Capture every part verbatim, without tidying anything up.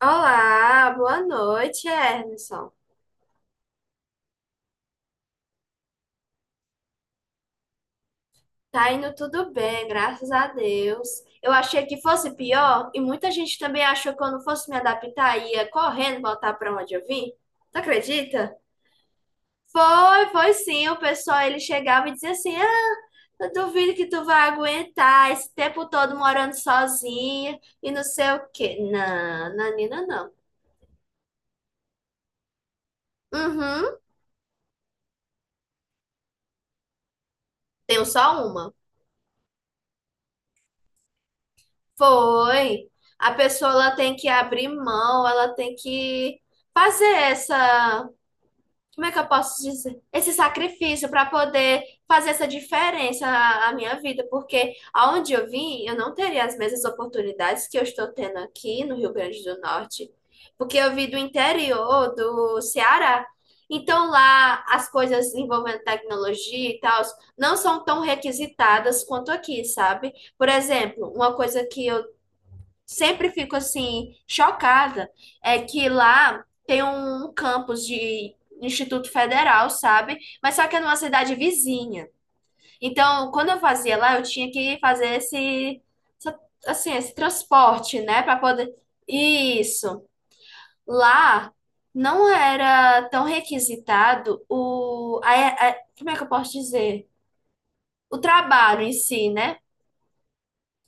Olá, boa noite, Ernison. Tá indo tudo bem, graças a Deus. Eu achei que fosse pior e muita gente também achou que eu não fosse me adaptar e ia correndo voltar para onde eu vim. Tu acredita? Foi, foi sim. O pessoal ele chegava e dizia assim: Ah, eu duvido que tu vai aguentar esse tempo todo morando sozinha e não sei o quê. Não, Nanina, não. Uhum, tenho só uma. Foi. A pessoa ela tem que abrir mão, ela tem que fazer essa, como é que eu posso dizer? Esse sacrifício para poder fazer essa diferença na na minha vida, porque aonde eu vim, eu não teria as mesmas oportunidades que eu estou tendo aqui no Rio Grande do Norte, porque eu vim do interior do Ceará. Então lá as coisas envolvendo tecnologia e tal não são tão requisitadas quanto aqui, sabe? Por exemplo, uma coisa que eu sempre fico assim chocada é que lá tem um campus de Instituto Federal, sabe? Mas só que é numa cidade vizinha. Então, quando eu fazia lá, eu tinha que fazer esse essa- assim, esse transporte, né, para poder isso. Lá não era tão requisitado o a, a- como é que eu posso dizer? O trabalho em si, né?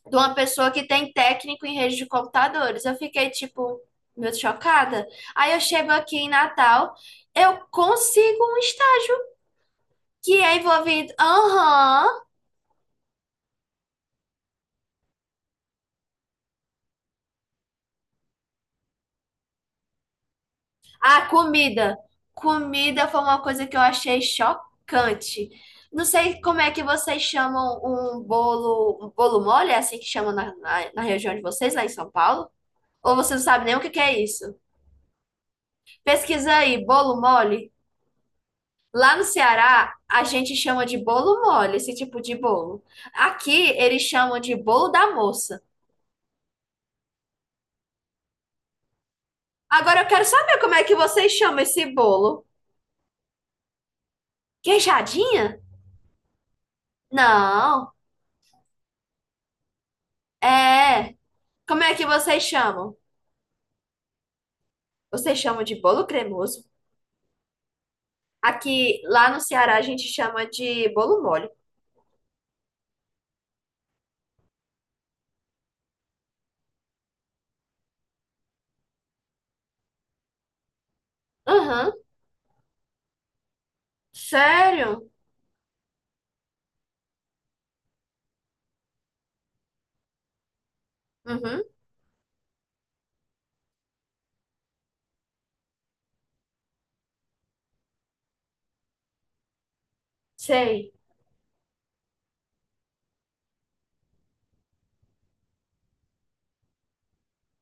De uma pessoa que tem técnico em rede de computadores. Eu fiquei tipo meio chocada. Aí eu chego aqui em Natal, eu consigo um estágio que é envolvido. Aham. Ah, comida. Comida foi uma coisa que eu achei chocante. Não sei como é que vocês chamam um bolo, um bolo mole, é assim que chamam na, na, na região de vocês, lá em São Paulo? Ou vocês não sabem nem o que que é isso? Pesquisa aí, bolo mole. Lá no Ceará, a gente chama de bolo mole, esse tipo de bolo. Aqui, eles chamam de bolo da moça. Agora, eu quero saber como é que vocês chamam esse bolo. Queijadinha? Não, é. Como é que vocês chamam? Vocês chamam de bolo cremoso. Aqui, lá no Ceará, a gente chama de bolo mole. Aham, sério? Uhum, sei,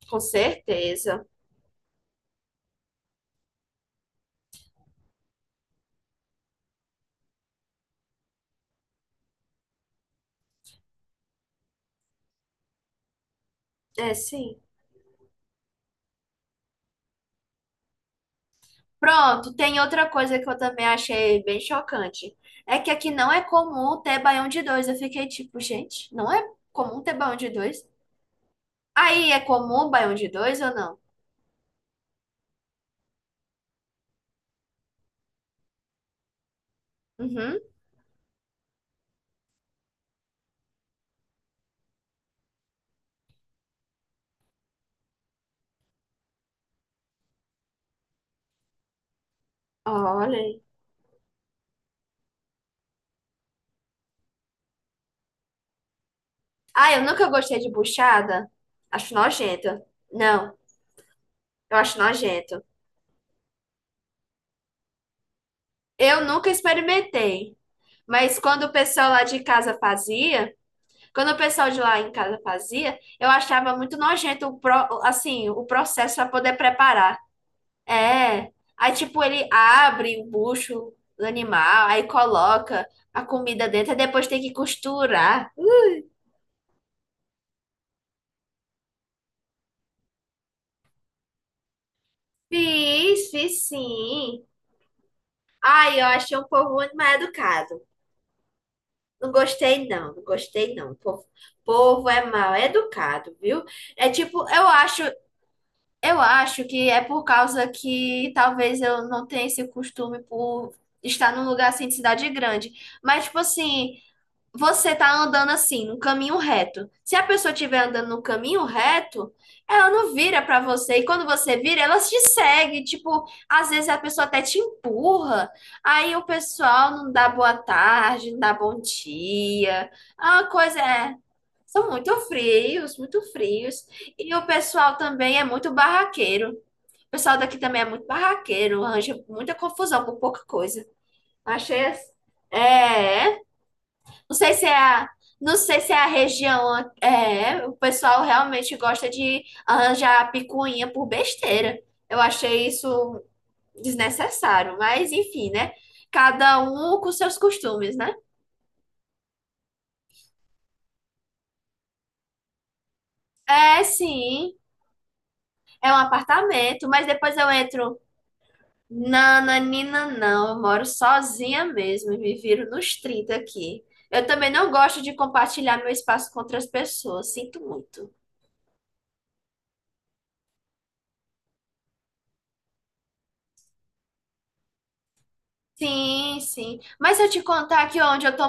com certeza. É, sim. Pronto, tem outra coisa que eu também achei bem chocante. É que aqui não é comum ter baião de dois. Eu fiquei tipo, gente, não é comum ter baião de dois? Aí é comum baião de dois ou não? Uhum. Olha aí. Ah, eu nunca gostei de buchada. Acho nojento. Não, eu acho nojento. Eu nunca experimentei. Mas quando o pessoal lá de casa fazia, quando o pessoal de lá em casa fazia, eu achava muito nojento o pro, assim, o processo para poder preparar. É. Aí, tipo, ele abre o bucho do animal, aí coloca a comida dentro, aí depois tem que costurar. Fiz, fiz sim. Ai, eu achei um povo muito mal educado. Não gostei, não, não gostei, não. O povo, povo é mal educado, viu? É tipo, eu acho, eu acho que é por causa que talvez eu não tenha esse costume por estar num lugar assim de cidade grande. Mas, tipo assim, você tá andando assim, no caminho reto. Se a pessoa estiver andando no caminho reto, ela não vira pra você. E quando você vira, ela te segue. Tipo, às vezes a pessoa até te empurra. Aí o pessoal não dá boa tarde, não dá bom dia. A coisa é. São muito frios, muito frios. E o pessoal também é muito barraqueiro. O pessoal daqui também é muito barraqueiro, arranja muita confusão por pouca coisa. Achei assim. É, não sei se é a, não sei se é a região. É, o pessoal realmente gosta de arranjar picuinha por besteira. Eu achei isso desnecessário, mas enfim, né? Cada um com seus costumes, né? É, sim, é um apartamento, mas depois eu entro. Nananina, não, eu moro sozinha mesmo e me viro nos trinta aqui. Eu também não gosto de compartilhar meu espaço com outras pessoas, sinto muito. Sim, sim. Mas se eu te contar que onde eu tô,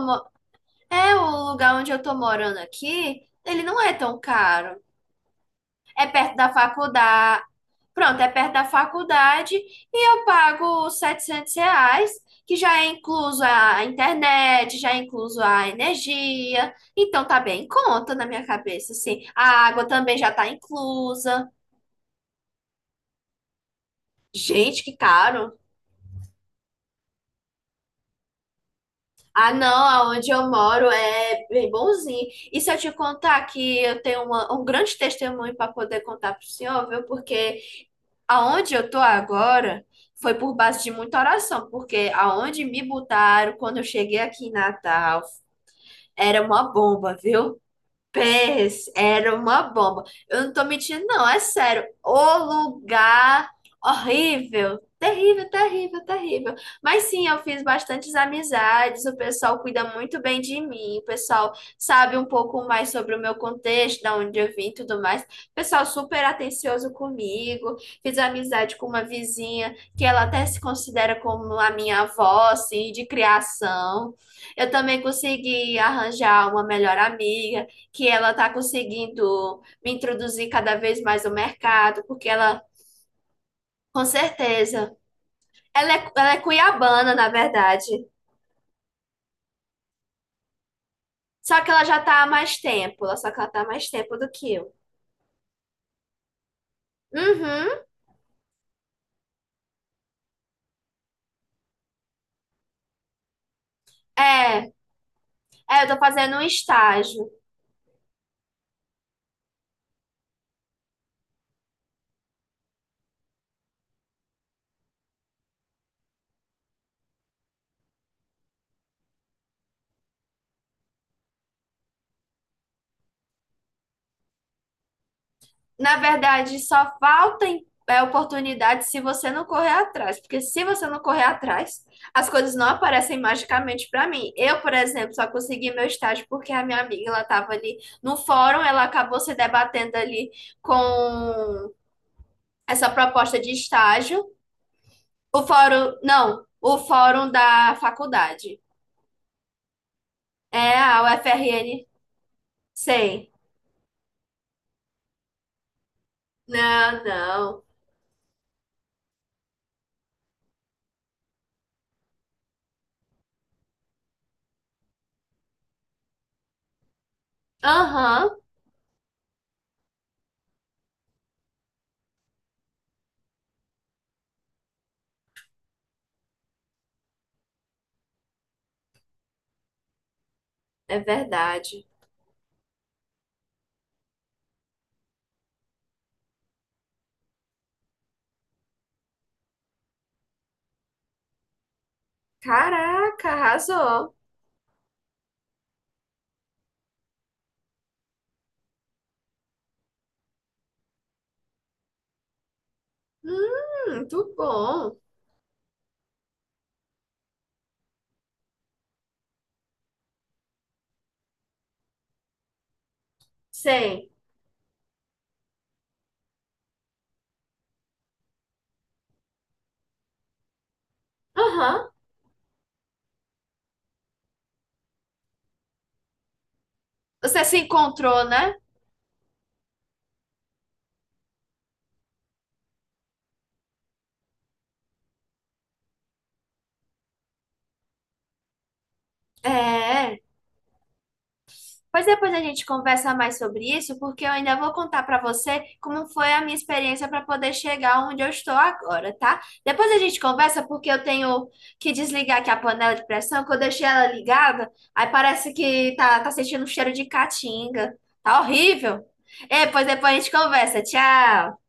é, o lugar onde eu tô morando aqui, ele não é tão caro. É perto da faculdade. Pronto, é perto da faculdade e eu pago setecentos reais, que já é incluso a internet, já é incluso a energia. Então tá bem em conta na minha cabeça, assim. A água também já tá inclusa. Gente, que caro. Ah, não, aonde eu moro é bem bonzinho. E se eu te contar que eu tenho uma- um grande testemunho para poder contar pro senhor, viu? Porque aonde eu tô agora foi por base de muita oração, porque aonde me botaram quando eu cheguei aqui em Natal era uma bomba, viu? Pés, era uma bomba. Eu não tô mentindo, não, é sério. O lugar horrível, terrível, terrível, terrível. Mas sim, eu fiz bastantes amizades, o pessoal cuida muito bem de mim, o pessoal sabe um pouco mais sobre o meu contexto, da onde eu vim e tudo mais. O pessoal super atencioso comigo. Fiz amizade com uma vizinha que ela até se considera como a minha avó, assim, de criação. Eu também consegui arranjar uma melhor amiga que ela está conseguindo me introduzir cada vez mais no mercado, porque ela, com certeza, ela é, ela é cuiabana, na verdade. Só que ela já tá há mais tempo, só que ela tá há mais tempo do que eu. Uhum, é, é, eu tô fazendo um estágio. Na verdade, só falta em- é, oportunidade se você não correr atrás, porque se você não correr atrás, as coisas não aparecem magicamente para mim. Eu, por exemplo, só consegui meu estágio porque a minha amiga, ela estava ali no fórum, ela acabou se debatendo ali com essa proposta de estágio. O fórum, não, o fórum da faculdade. É a U F R N, sei. Não, não. Aham, é verdade. Caraca, arrasou. Hum, muito bom. Sei. Aham. Você se encontrou, né? É. Pois depois a gente conversa mais sobre isso, porque eu ainda vou contar pra você como foi a minha experiência para poder chegar onde eu estou agora, tá? Depois a gente conversa, porque eu tenho que desligar aqui a panela de pressão, que eu deixei ela ligada, aí parece que tá, tá sentindo um cheiro de caatinga. Tá horrível. É, pois depois a gente conversa. Tchau.